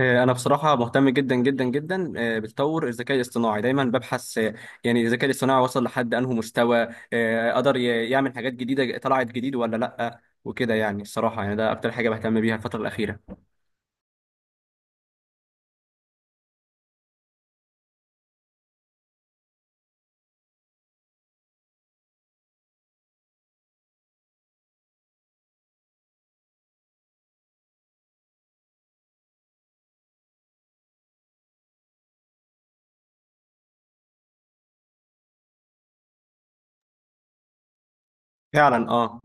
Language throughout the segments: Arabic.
أنا بصراحة مهتم جدا جدا جدا بتطور الذكاء الاصطناعي. دايما ببحث يعني الذكاء الاصطناعي وصل لحد أنهي مستوى قدر يعمل حاجات جديدة، طلعت جديد ولا لأ وكده يعني. الصراحة يعني ده أكتر حاجة بهتم بيها الفترة الأخيرة. فعلا، اه.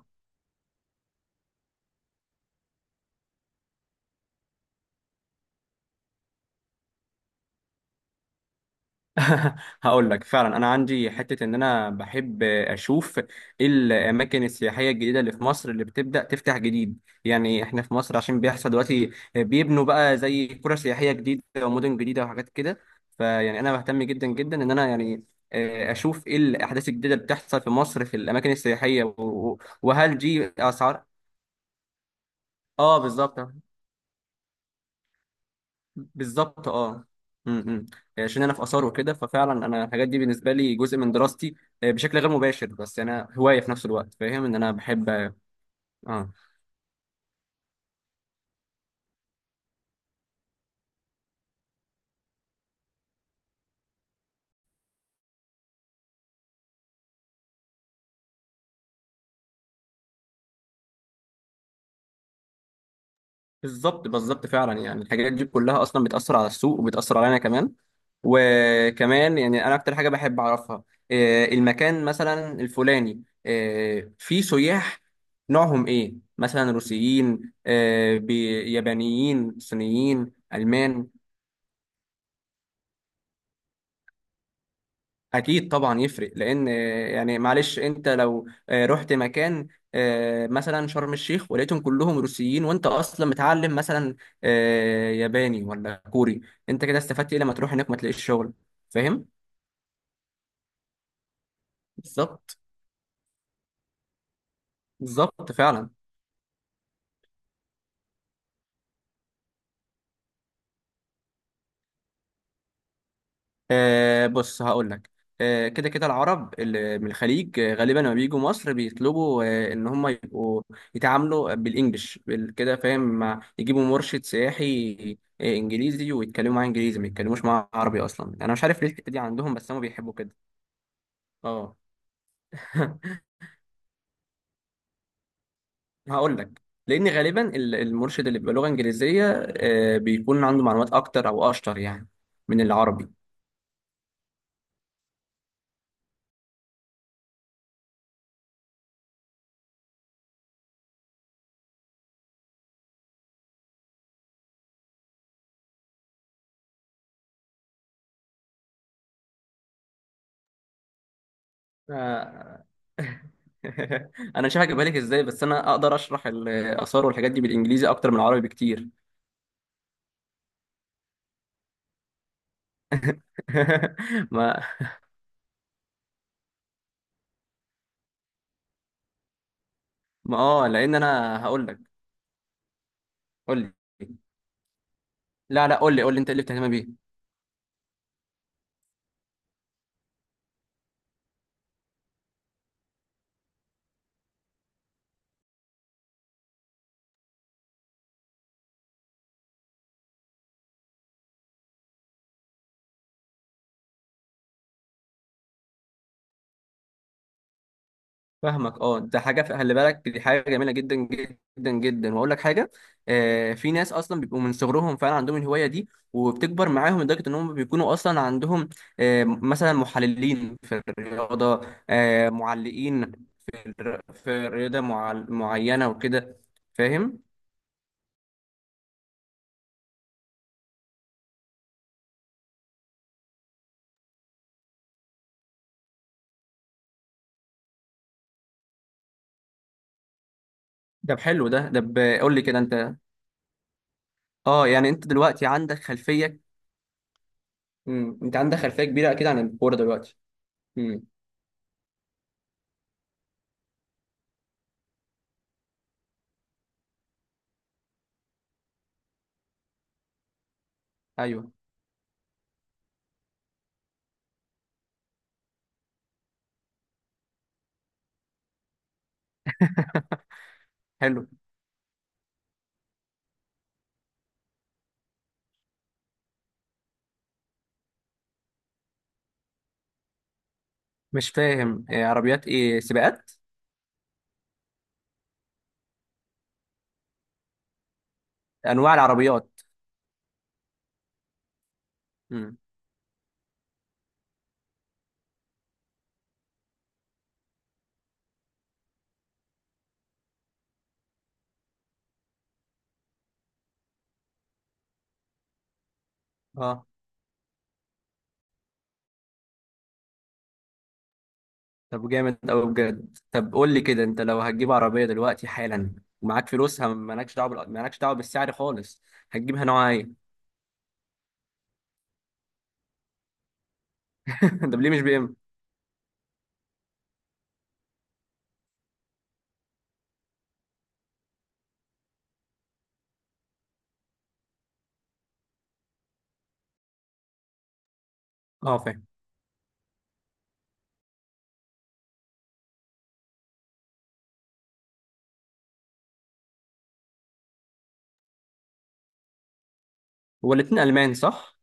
هقول لك، فعلا انا عندي حته ان انا بحب اشوف إيه الاماكن السياحيه الجديده اللي في مصر اللي بتبدا تفتح جديد. يعني احنا في مصر، عشان بيحصل دلوقتي، بيبنوا بقى زي قرى سياحيه جديده ومدن جديده وحاجات كده. فيعني انا بهتم جدا جدا ان انا يعني اشوف ايه الاحداث الجديده اللي بتحصل في مصر في الاماكن السياحيه، وهل دي اسعار. اه، بالظبط. بالظبط، اه. امم، إمم. يعني عشان انا في اثار وكده، ففعلا انا الحاجات دي بالنسبه لي جزء من دراستي بشكل غير مباشر، بس انا هوايه في نفس الوقت، فاهم ان انا بحب. اه، بالظبط. بالظبط فعلا، يعني الحاجات دي كلها اصلا بتاثر على السوق وبتاثر علينا كمان. وكمان يعني انا اكتر حاجه بحب اعرفها المكان مثلا الفلاني فيه سياح، نوعهم ايه؟ مثلا روسيين، يابانيين، صينيين، المان. اكيد طبعا يفرق، لان يعني معلش انت لو رحت مكان مثلا شرم الشيخ، ولقيتهم كلهم روسيين وانت اصلا متعلم مثلا ياباني ولا كوري، انت كده استفدت ايه؟ لما تروح هناك ما تلاقيش شغل. فاهم. بالظبط. بالظبط فعلا. بص هقول لك. كده كده العرب اللي من الخليج غالبا لما بيجوا مصر بيطلبوا ان هم يبقوا يتعاملوا بالانجلش كده، فاهم، مع يجيبوا مرشد سياحي انجليزي ويتكلموا معاه انجليزي، ما يتكلموش معاه عربي اصلا. انا مش عارف ليه الحته دي عندهم، بس هم بيحبوا كده. اه. هقول لك، لان غالبا المرشد اللي بيبقى لغه انجليزيه بيكون عنده معلومات اكتر او اشطر، يعني من العربي. آه. انا مش عارف بالك ازاي، بس انا اقدر اشرح الاثار والحاجات دي بالانجليزي اكتر من العربي بكتير. ما ما اه، لان انا هقول لك. قول لي. لا، لا، قول لي قول لي انت ايه اللي بتهتم بيه؟ فاهمك، اه. ده حاجه، خلي بالك، دي حاجه جميله جدا جدا جدا، واقول لك حاجه: في ناس اصلا بيبقوا من صغرهم فعلا عندهم الهوايه دي، وبتكبر معاهم لدرجه ان هم بيكونوا اصلا عندهم مثلا محللين في الرياضه، معلقين في الرياضه معينه وكده. فاهم. ده حلو. قول لي كده انت. اه، يعني انت دلوقتي عندك خلفيه. انت عندك خلفيه كبيره اكيد عن الكوره دلوقتي. امم. ايوه، حلو. مش فاهم، إيه عربيات، ايه سباقات؟ انواع العربيات. امم، اه. طب جامد قوي بجد. طب قول لي كده، انت لو هتجيب عربيه دلوقتي حالا ومعاك فلوسها، مالكش دعوه بالسعر خالص، هتجيبها نوعها ايه؟ ده ليه مش بي ام؟ اه، فاهم. هو الاتنين المان، صح؟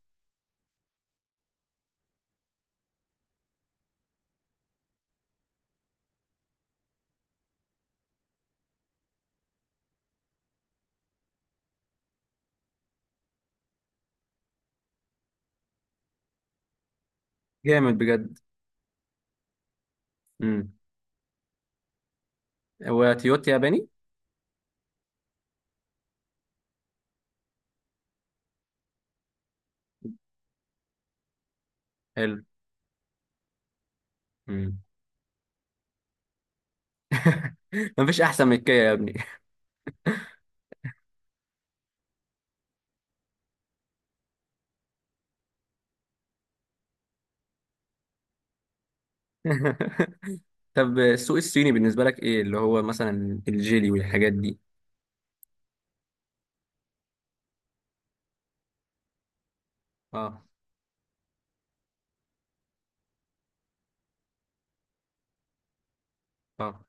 جامد بجد. امم وتويوتا ياباني. حلو. مم. مفيش احسن من الكيا يا ابني. طب السوق الصيني بالنسبه لك، ايه اللي هو مثلا الجيلي والحاجات دي؟ اه، اه،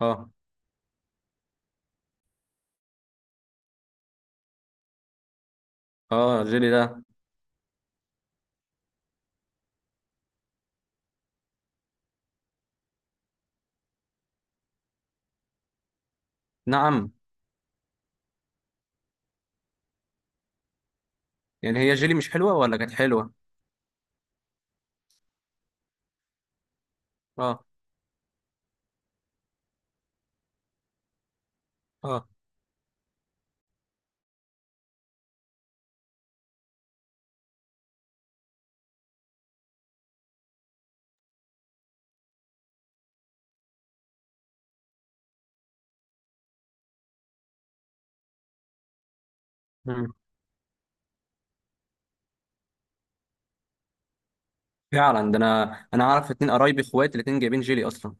اه، اه، الجيلي ده. نعم. يعني هي الجيلي مش حلوه ولا كانت حلوه؟ اه، اه. مم. فعلا، ده انا اعرف اتنين قرايبي اخوات الاتنين جايبين جيلي اصلا.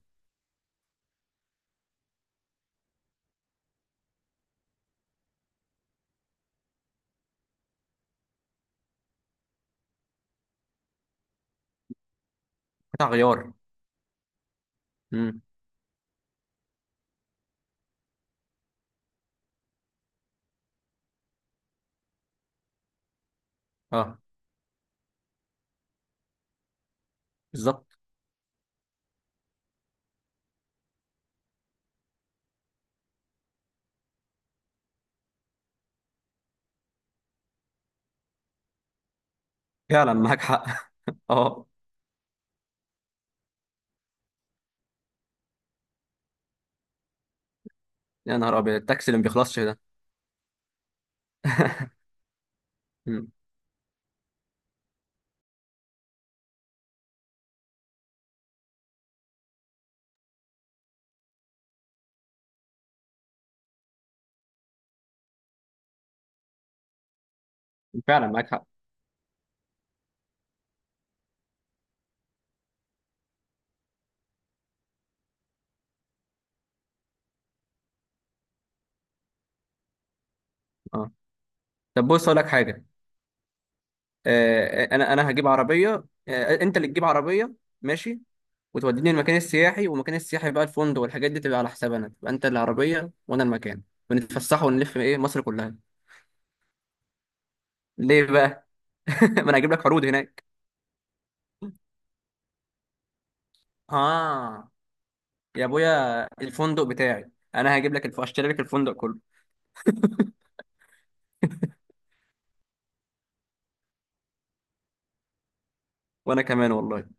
قطع غيار. امم، اه. بالظبط. فعلا معاك حق. اه، يا نهار ابيض، التاكسي اللي ما بيخلصش ده. مم. فعلا معاك حق. اه، طب بص اقول لك حاجه. انا هجيب عربيه. انت اللي تجيب عربيه، ماشي، وتوديني المكان السياحي، والمكان السياحي بقى الفندق والحاجات دي تبقى على حساب انا، تبقى انت العربيه وانا المكان، ونتفسح ونلف ايه مصر كلها. ليه بقى؟ ما انا هجيب لك عروض هناك. اه، يا ابويا، الفندق بتاعي انا هجيب لك اشتري لك الفندق كله. وانا كمان والله.